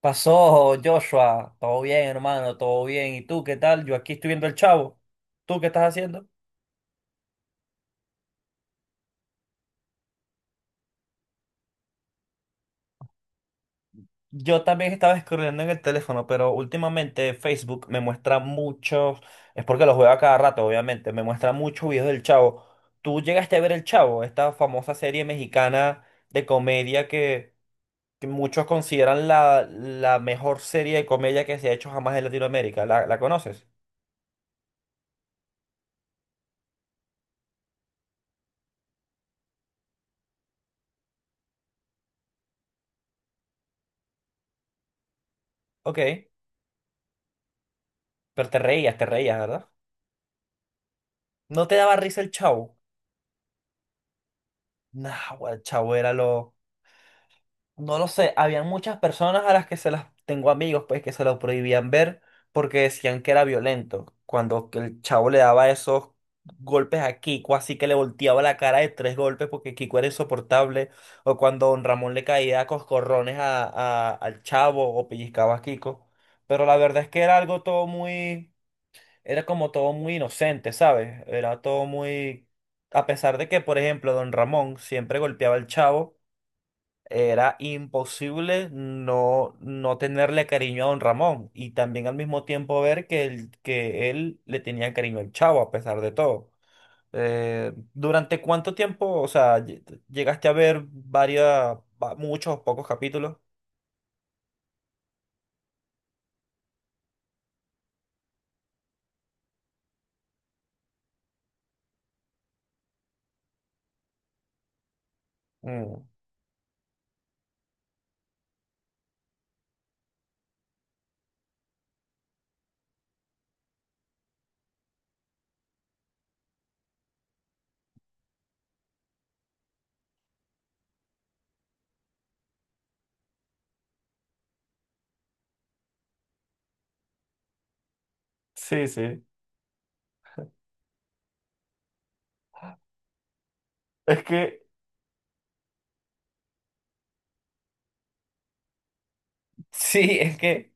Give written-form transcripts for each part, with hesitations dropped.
Pasó, Joshua. Todo bien, hermano, todo bien. ¿Y tú qué tal? Yo aquí estoy viendo el Chavo. ¿Tú qué estás haciendo? Yo también estaba scrolleando en el teléfono, pero últimamente Facebook me muestra muchos. Es porque lo juego a cada rato, obviamente. Me muestra muchos videos del Chavo. ¿Tú llegaste a ver el Chavo, esta famosa serie mexicana de comedia que muchos consideran la mejor serie de comedia que se ha hecho jamás en Latinoamérica? La conoces? Ok, pero te reías, ¿verdad? ¿No te daba risa el Chavo? Nah, güey, chavo, era lo... No lo sé, habían muchas personas a las que se las... Tengo amigos, pues, que se lo prohibían ver porque decían que era violento. Cuando que el chavo le daba esos golpes a Kiko, así que le volteaba la cara de tres golpes porque Kiko era insoportable. O cuando don Ramón le caía a coscorrones a- al chavo o pellizcaba a Kiko. Pero la verdad es que era algo todo muy... Era como todo muy inocente, ¿sabes? Era todo muy... A pesar de que, por ejemplo, don Ramón siempre golpeaba al chavo. Era imposible no, no tenerle cariño a don Ramón y también al mismo tiempo ver que, el- que él le tenía cariño al Chavo a pesar de todo. ¿Durante cuánto tiempo, o sea, lle- llegaste a ver varias, va- muchos o pocos capítulos? Mm. Sí, sí. Es que, sí, es que,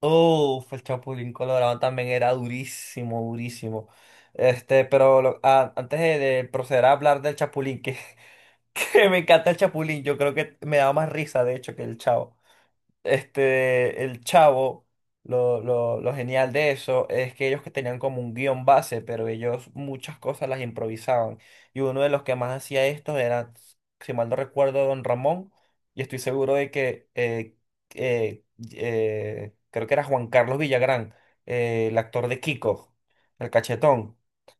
oh, el Chapulín Colorado también era durísimo, durísimo. Este, pero lo- a- antes de proceder a hablar del Chapulín, que me encanta el Chapulín, yo creo que me daba más risa, de hecho, que el Chavo. Este, el Chavo, lo genial de eso es que ellos que tenían como un guión base, pero ellos muchas cosas las improvisaban. Y uno de los que más hacía esto era, si mal no recuerdo, Don Ramón, y estoy seguro de que, eh, creo que era Juan Carlos Villagrán, el actor de Kiko, el cachetón.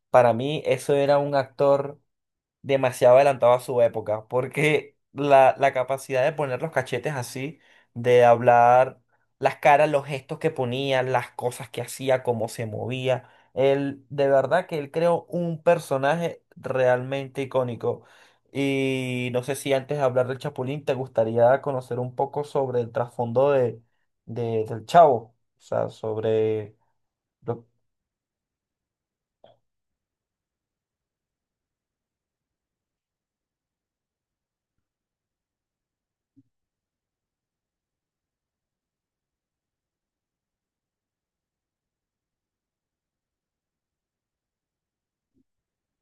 Para mí, eso era un actor demasiado adelantado a su época, porque la capacidad de poner los cachetes así, de hablar las caras, los gestos que ponía, las cosas que hacía, cómo se movía, él, de verdad que él creó un personaje realmente icónico. Y no sé si antes de hablar del Chapulín, te gustaría conocer un poco sobre el trasfondo de- del Chavo, o sea, sobre lo-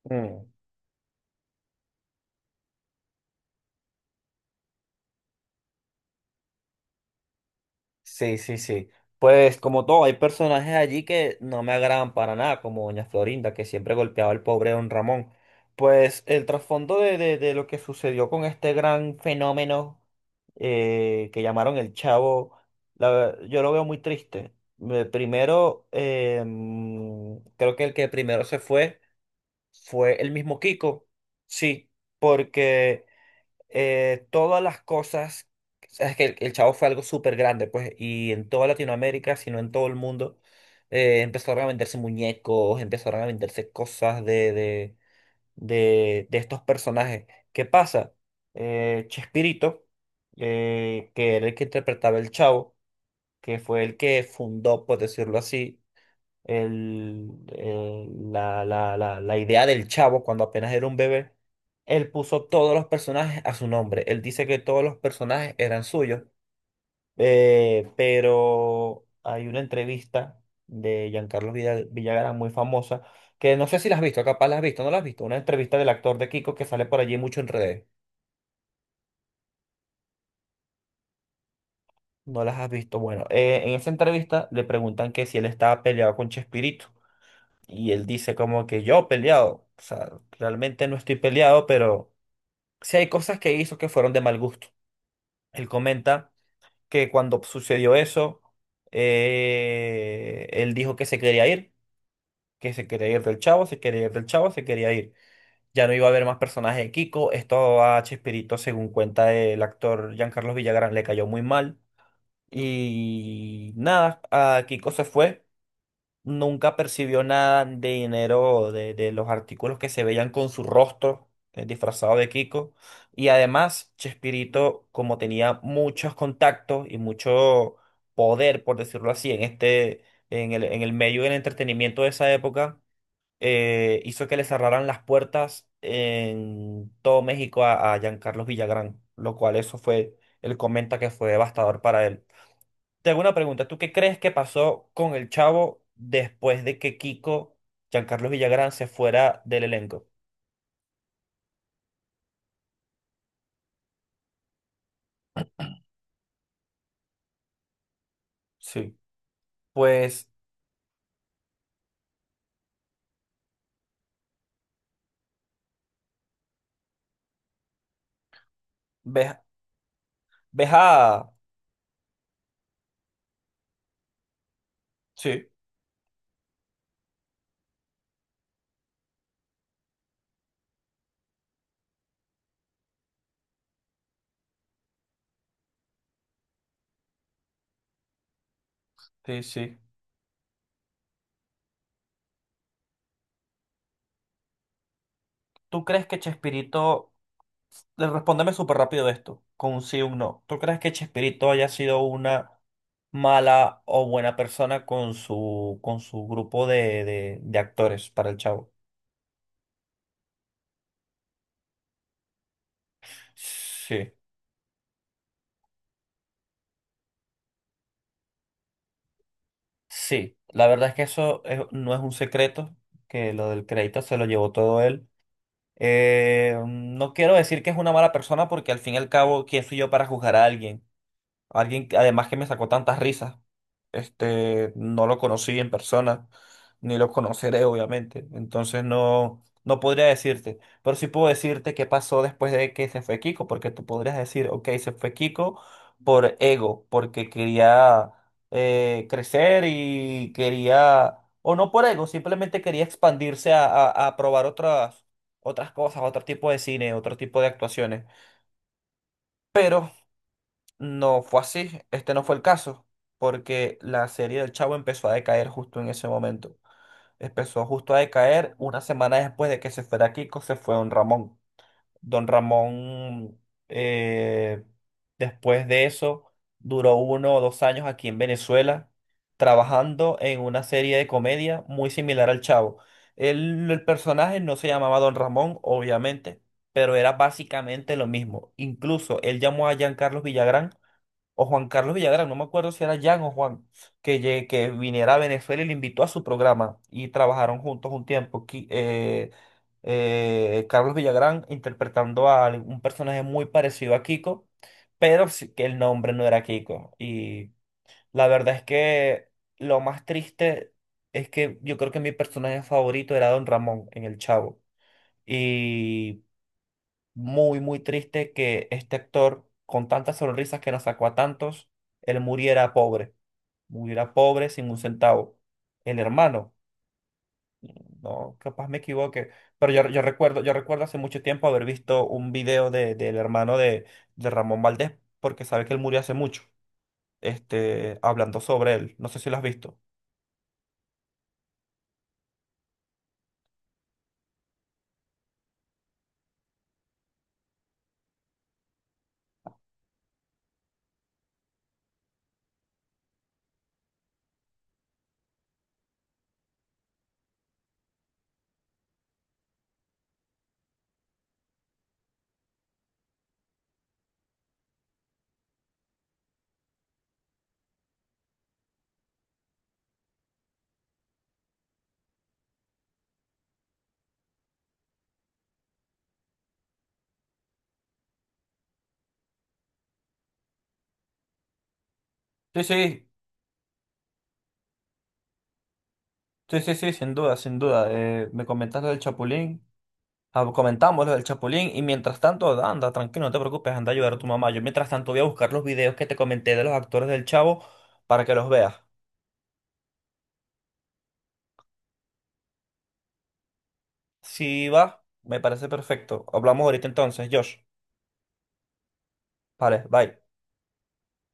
Mm. Sí, sí, sí. Pues como todo, hay personajes allí que no me agradan para nada, como Doña Florinda, que siempre golpeaba al pobre Don Ramón. Pues el trasfondo de lo que sucedió con este gran fenómeno que llamaron el Chavo, la ver- yo lo veo muy triste. Me- Primero, creo que el que primero se fue fue el mismo Kiko, sí, porque todas las cosas, o sea, es que el Chavo fue algo súper grande, pues, y en toda Latinoamérica, si no en todo el mundo, empezaron a venderse muñecos, empezaron a venderse cosas de estos personajes. ¿Qué pasa? Chespirito, que era el que interpretaba el Chavo, que fue el que fundó, por decirlo así, el- el- la idea del chavo cuando apenas era un bebé, él puso todos los personajes a su nombre. Él dice que todos los personajes eran suyos, pero hay una entrevista de Giancarlo Villa- Villagrán muy famosa, que no sé si la has visto, capaz la has visto, no la has visto, una entrevista del actor de Kiko que sale por allí mucho en redes. No las has visto. Bueno, en esa entrevista le preguntan que si él estaba peleado con Chespirito. Y él dice como que yo peleado, o sea, realmente no estoy peleado, pero sí hay cosas que hizo que fueron de mal gusto. Él comenta que cuando sucedió eso, él dijo que se quería ir, que se quería ir del Chavo, se quería ir del Chavo, se quería ir. Ya no iba a haber más personajes de Kiko. Esto a Chespirito, según cuenta el actor Giancarlo Villagrán, le cayó muy mal. Y nada, a Kiko se fue. Nunca percibió nada de dinero de los artículos que se veían con su rostro disfrazado de Kiko. Y además, Chespirito, como tenía muchos contactos y mucho poder, por decirlo así, en este, en el medio del entretenimiento de esa época, hizo que le cerraran las puertas en todo México a Giancarlos Villagrán, lo cual eso fue, él comenta que fue devastador para él. Te hago una pregunta. ¿Tú qué crees que pasó con el Chavo después de que Kiko, Giancarlo Villagrán, se fuera del elenco? Sí, pues ves, ves a... Sí, sí, sí. ¿Tú crees que Chespirito, le- respóndeme súper rápido esto, con un sí o un no? ¿Tú crees que Chespirito haya sido una mala o buena persona con su grupo de, de actores para el Chavo? Sí. Sí, la verdad es que eso es- no es un secreto, que lo del crédito se lo llevó todo él. No quiero decir que es una mala persona porque al fin y al cabo, ¿quién soy yo para juzgar a alguien? Alguien, que- además que me sacó tantas risas. Este, no lo conocí en persona, ni lo conoceré, obviamente. Entonces no, no podría decirte. Pero sí puedo decirte qué pasó después de que se fue Kiko, porque tú podrías decir, ok, se fue Kiko por ego, porque quería crecer y quería, o no por ego, simplemente quería expandirse a probar otras, otras cosas, otro tipo de cine, otro tipo de actuaciones. Pero no fue así, este no fue el caso, porque la serie del Chavo empezó a decaer justo en ese momento. Empezó justo a decaer una semana después de que se fuera Kiko, se fue Don Ramón. Don Ramón, eh, después de eso, duró uno o dos años aquí en Venezuela, trabajando en una serie de comedia muy similar al Chavo. Él- el personaje no se llamaba Don Ramón, obviamente, pero era básicamente lo mismo. Incluso él llamó a Giancarlo Villagrán o Juan Carlos Villagrán, no me acuerdo si era Jan o Juan, que, lle- que viniera a Venezuela y le invitó a su programa y trabajaron juntos un tiempo. Qui- Carlos Villagrán interpretando a al- un personaje muy parecido a Kiko, pero sí que el nombre no era Kiko. Y la verdad es que lo más triste es que yo creo que mi personaje favorito era Don Ramón en El Chavo, muy, muy triste que este actor, con tantas sonrisas que nos sacó a tantos, él muriera pobre sin un centavo. El hermano, no, capaz me equivoque, pero yo, yo recuerdo hace mucho tiempo haber visto un video de, del hermano de Ramón Valdés, porque sabe que él murió hace mucho, este, hablando sobre él. No sé si lo has visto. Sí, sí, sí, sí, sí, sin duda, sin duda. Me comentas lo del Chapulín. Ah, comentamos lo del Chapulín y mientras tanto, anda, tranquilo, no te preocupes, anda a ayudar a tu mamá. Yo mientras tanto voy a buscar los videos que te comenté de los actores del Chavo para que los veas. Si va, me parece perfecto. Hablamos ahorita entonces, Josh. Vale, bye.